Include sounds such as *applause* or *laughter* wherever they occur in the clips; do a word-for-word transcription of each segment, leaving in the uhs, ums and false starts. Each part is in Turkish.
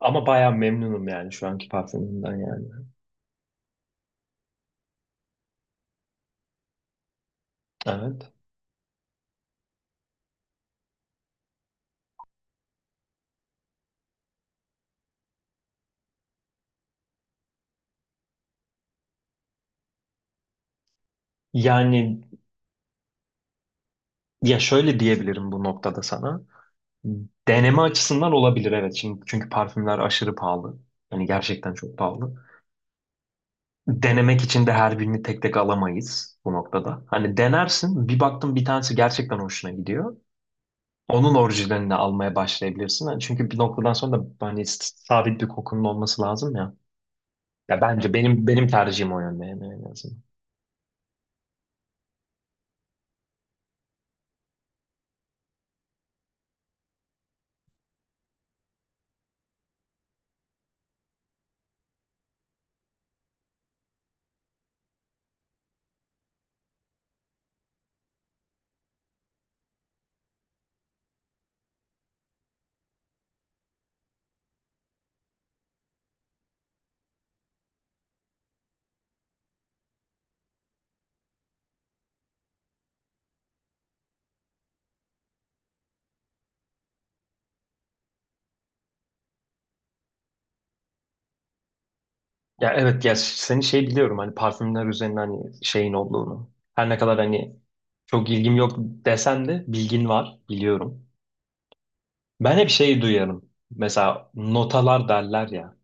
Ama bayağı memnunum yani şu anki parfümümden yani. Evet. Yani ya şöyle diyebilirim bu noktada sana. Deneme açısından olabilir, evet. Şimdi çünkü parfümler aşırı pahalı. Hani gerçekten çok pahalı. Denemek için de her birini tek tek alamayız bu noktada. Hani denersin, bir baktın bir tanesi gerçekten hoşuna gidiyor. Onun orijinalini almaya başlayabilirsin. Hani çünkü bir noktadan sonra da hani s- sabit bir kokunun olması lazım ya. Ya bence benim benim tercihim o yönde yani, en azından. Ya evet, ya seni şey biliyorum, hani parfümler üzerinden hani şeyin olduğunu. Her ne kadar hani çok ilgim yok desem de bilgin var, biliyorum. Ben hep şey duyarım. Mesela notalar derler ya.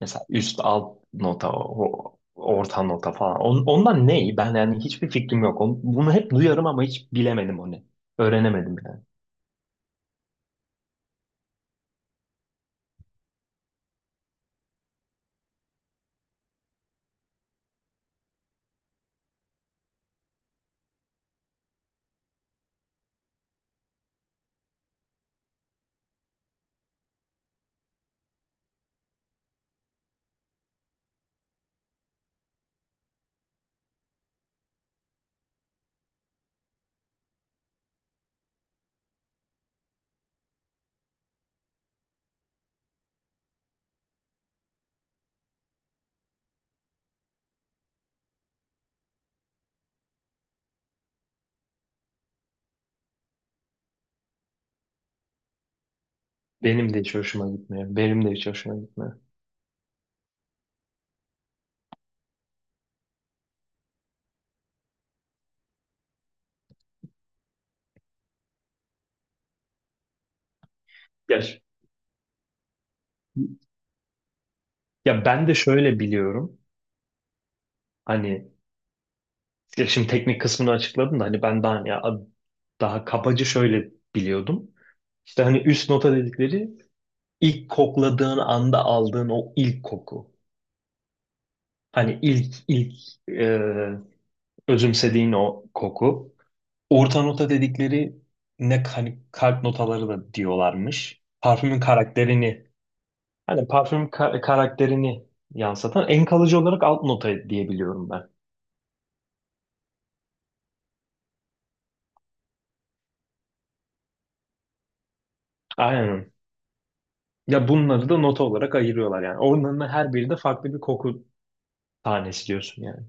Mesela üst alt nota, o- orta nota falan. On- ondan ne? Ben yani hiçbir fikrim yok. On- Bunu hep duyarım ama hiç bilemedim onu. Öğrenemedim yani. Benim de hiç hoşuma gitmiyor. Benim de hiç hoşuma gitmiyor. Ya, ya ben de şöyle biliyorum. Hani ya şimdi teknik kısmını açıkladım da hani ben daha ya daha kabaca şöyle biliyordum. İşte hani üst nota dedikleri, ilk kokladığın anda aldığın o ilk koku. Hani ilk ilk e, özümsediğin o koku. Orta nota dedikleri ne, hani kalp notaları da diyorlarmış. Parfümün karakterini, hani parfüm ka- karakterini yansıtan en kalıcı olarak alt nota diyebiliyorum ben. Aynen. Ya bunları da nota olarak ayırıyorlar yani. Onların her biri de farklı bir koku tanesi diyorsun yani.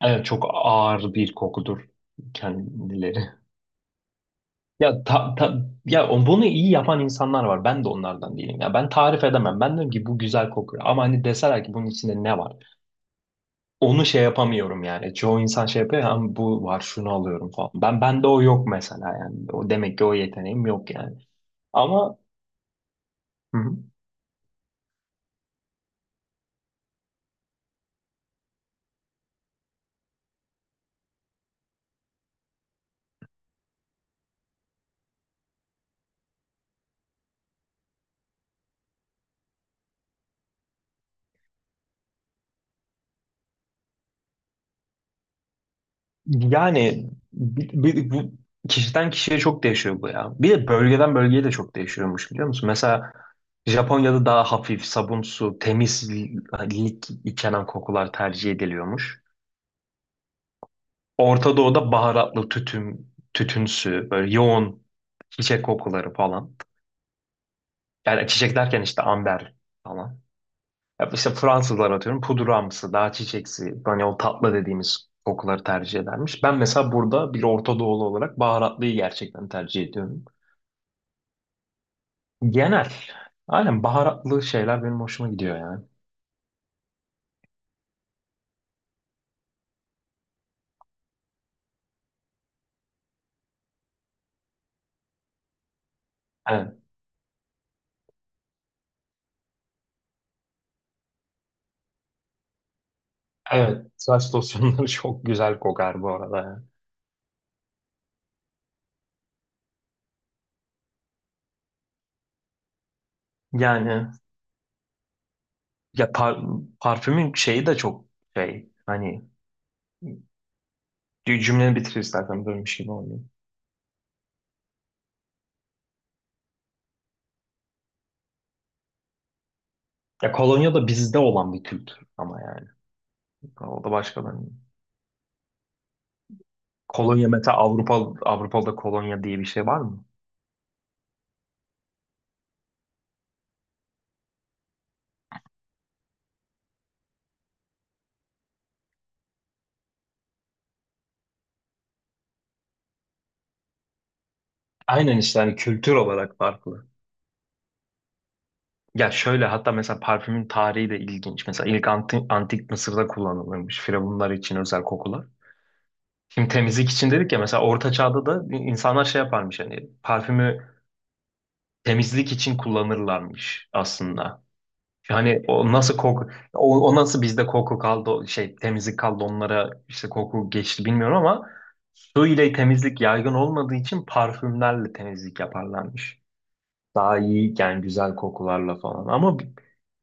Evet, çok ağır bir kokudur kendileri. Ya ta, ta- ya o- bunu iyi yapan insanlar var. Ben de onlardan değilim. Ya ben tarif edemem. Ben diyorum ki bu güzel kokuyor. Ama hani deseler ki bunun içinde ne var? Onu şey yapamıyorum yani. Çoğu insan şey yapıyor. Ama bu var şunu alıyorum falan. Ben, bende o yok mesela yani. O demek ki, o yeteneğim yok yani. Ama hı hı. Yani bi- bi- bu kişiden kişiye çok değişiyor bu ya. Bir de bölgeden bölgeye de çok değişiyormuş, biliyor musun? Mesela Japonya'da daha hafif, sabunsu, temiz lik içeren kokular tercih ediliyormuş. Orta Doğu'da baharatlı, tütün, tütünsü, böyle yoğun çiçek kokuları falan. Yani çiçek derken işte amber falan. Ya işte Fransızlar atıyorum pudramsı, daha çiçeksi, hani o tatlı dediğimiz kokuları tercih edermiş. Ben mesela burada bir Orta Doğulu olarak baharatlıyı gerçekten tercih ediyorum. Genel. Aynen, baharatlı şeyler benim hoşuma gidiyor yani. Evet, evet. Saç losyonları *laughs* çok güzel kokar bu arada, ya. Yani ya par- parfümün şeyi de çok şey, hani cü- cümleni bitir istersen, bölmüş gibi oluyor. Ya kolonya da bizde olan bir kültür ama yani o da başkalarının. Kolonya mesela Avrupa Avrupa'da kolonya diye bir şey var mı? Aynen işte, hani kültür olarak farklı. Ya şöyle, hatta mesela parfümün tarihi de ilginç. Mesela ilk anti- antik Mısır'da kullanılırmış firavunlar için özel kokular. Şimdi temizlik için dedik ya, mesela Orta Çağ'da da insanlar şey yaparmış, hani parfümü temizlik için kullanırlarmış aslında. Yani o nasıl koku, o, o nasıl bizde koku kaldı, o şey temizlik kaldı, onlara işte koku geçti bilmiyorum ama su ile temizlik yaygın olmadığı için parfümlerle temizlik yaparlarmış. Daha iyi yani, güzel kokularla falan ama bi-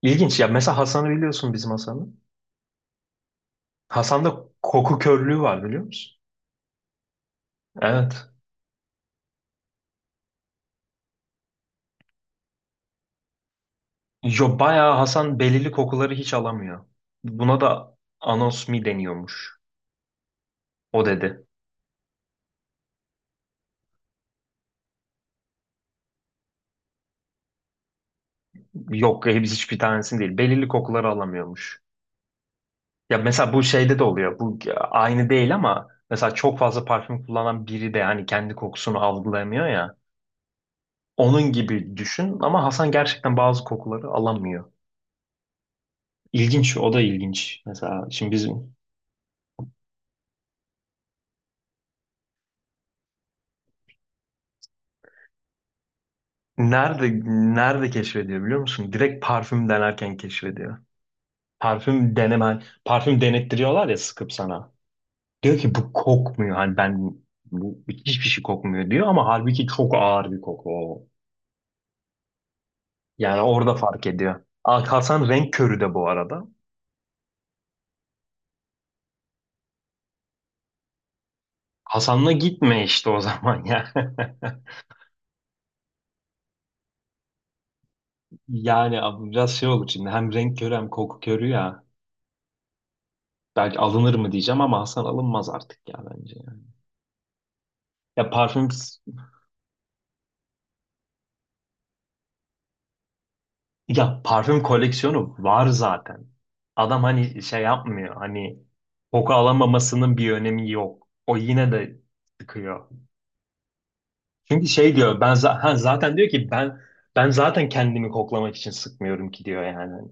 ilginç ya. Mesela Hasan'ı biliyorsun, bizim Hasan'ı. Hasan'da koku körlüğü var, biliyor musun? Evet. Yo, bayağı Hasan belirli kokuları hiç alamıyor. Buna da anosmi deniyormuş. O dedi. Yok, hepsi hiçbir tanesini değil. Belirli kokuları alamıyormuş. Ya mesela bu şeyde de oluyor. Bu aynı değil ama mesela çok fazla parfüm kullanan biri de hani kendi kokusunu algılayamıyor ya. Onun gibi düşün ama Hasan gerçekten bazı kokuları alamıyor. İlginç, o da ilginç. Mesela şimdi biz nerede nerede keşfediyor biliyor musun? Direkt parfüm denerken keşfediyor. Parfüm deneme, parfüm denettiriyorlar ya, sıkıp sana. Diyor ki bu kokmuyor. Hani ben bu hiçbir şey kokmuyor diyor ama halbuki çok ağır bir koku o. Yani orada fark ediyor. Ah, Hasan renk körü de bu arada. Hasan'la gitme işte o zaman ya. *laughs* Yani abi biraz şey olur şimdi, hem renk körü hem koku körü ya. Belki alınır mı diyeceğim ama Hasan alınmaz artık ya, bence. Ya, ya parfüm, ya parfüm koleksiyonu var zaten. Adam hani şey yapmıyor. Hani koku alamamasının bir önemi yok. O yine de sıkıyor. Çünkü şey diyor, ben za- ha, zaten diyor ki ben ben zaten kendimi koklamak için sıkmıyorum ki diyor yani.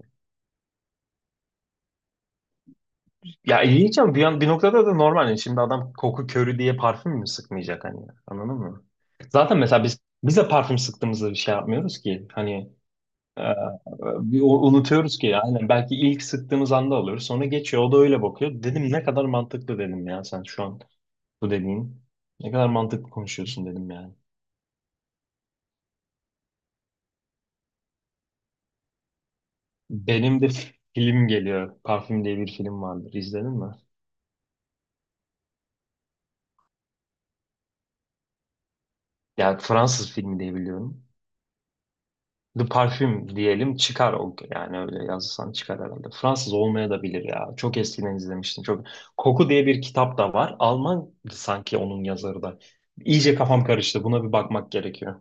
Ya ilginç ama bir, yan- bir noktada da normal. Yani şimdi adam koku körü diye parfüm mü sıkmayacak, hani? Anladın mı? Zaten mesela biz biz de parfüm sıktığımızda bir şey yapmıyoruz ki. Hani e, bir o- unutuyoruz ki. Aynen, belki ilk sıktığımız anda alıyoruz. Sonra geçiyor. O da öyle bakıyor. Dedim ne kadar mantıklı, dedim ya sen şu an bu dediğin. Ne kadar mantıklı konuşuyorsun, dedim yani. Benim de film geliyor. Parfüm diye bir film vardır. İzledin mi? Ya Fransız filmi diye biliyorum. The Parfüm diyelim çıkar o yani, öyle yazsan çıkar herhalde. Fransız olmaya da bilir ya. Çok eskiden izlemiştim. Çok Koku diye bir kitap da var. Alman sanki onun yazarı da. İyice kafam karıştı. Buna bir bakmak gerekiyor.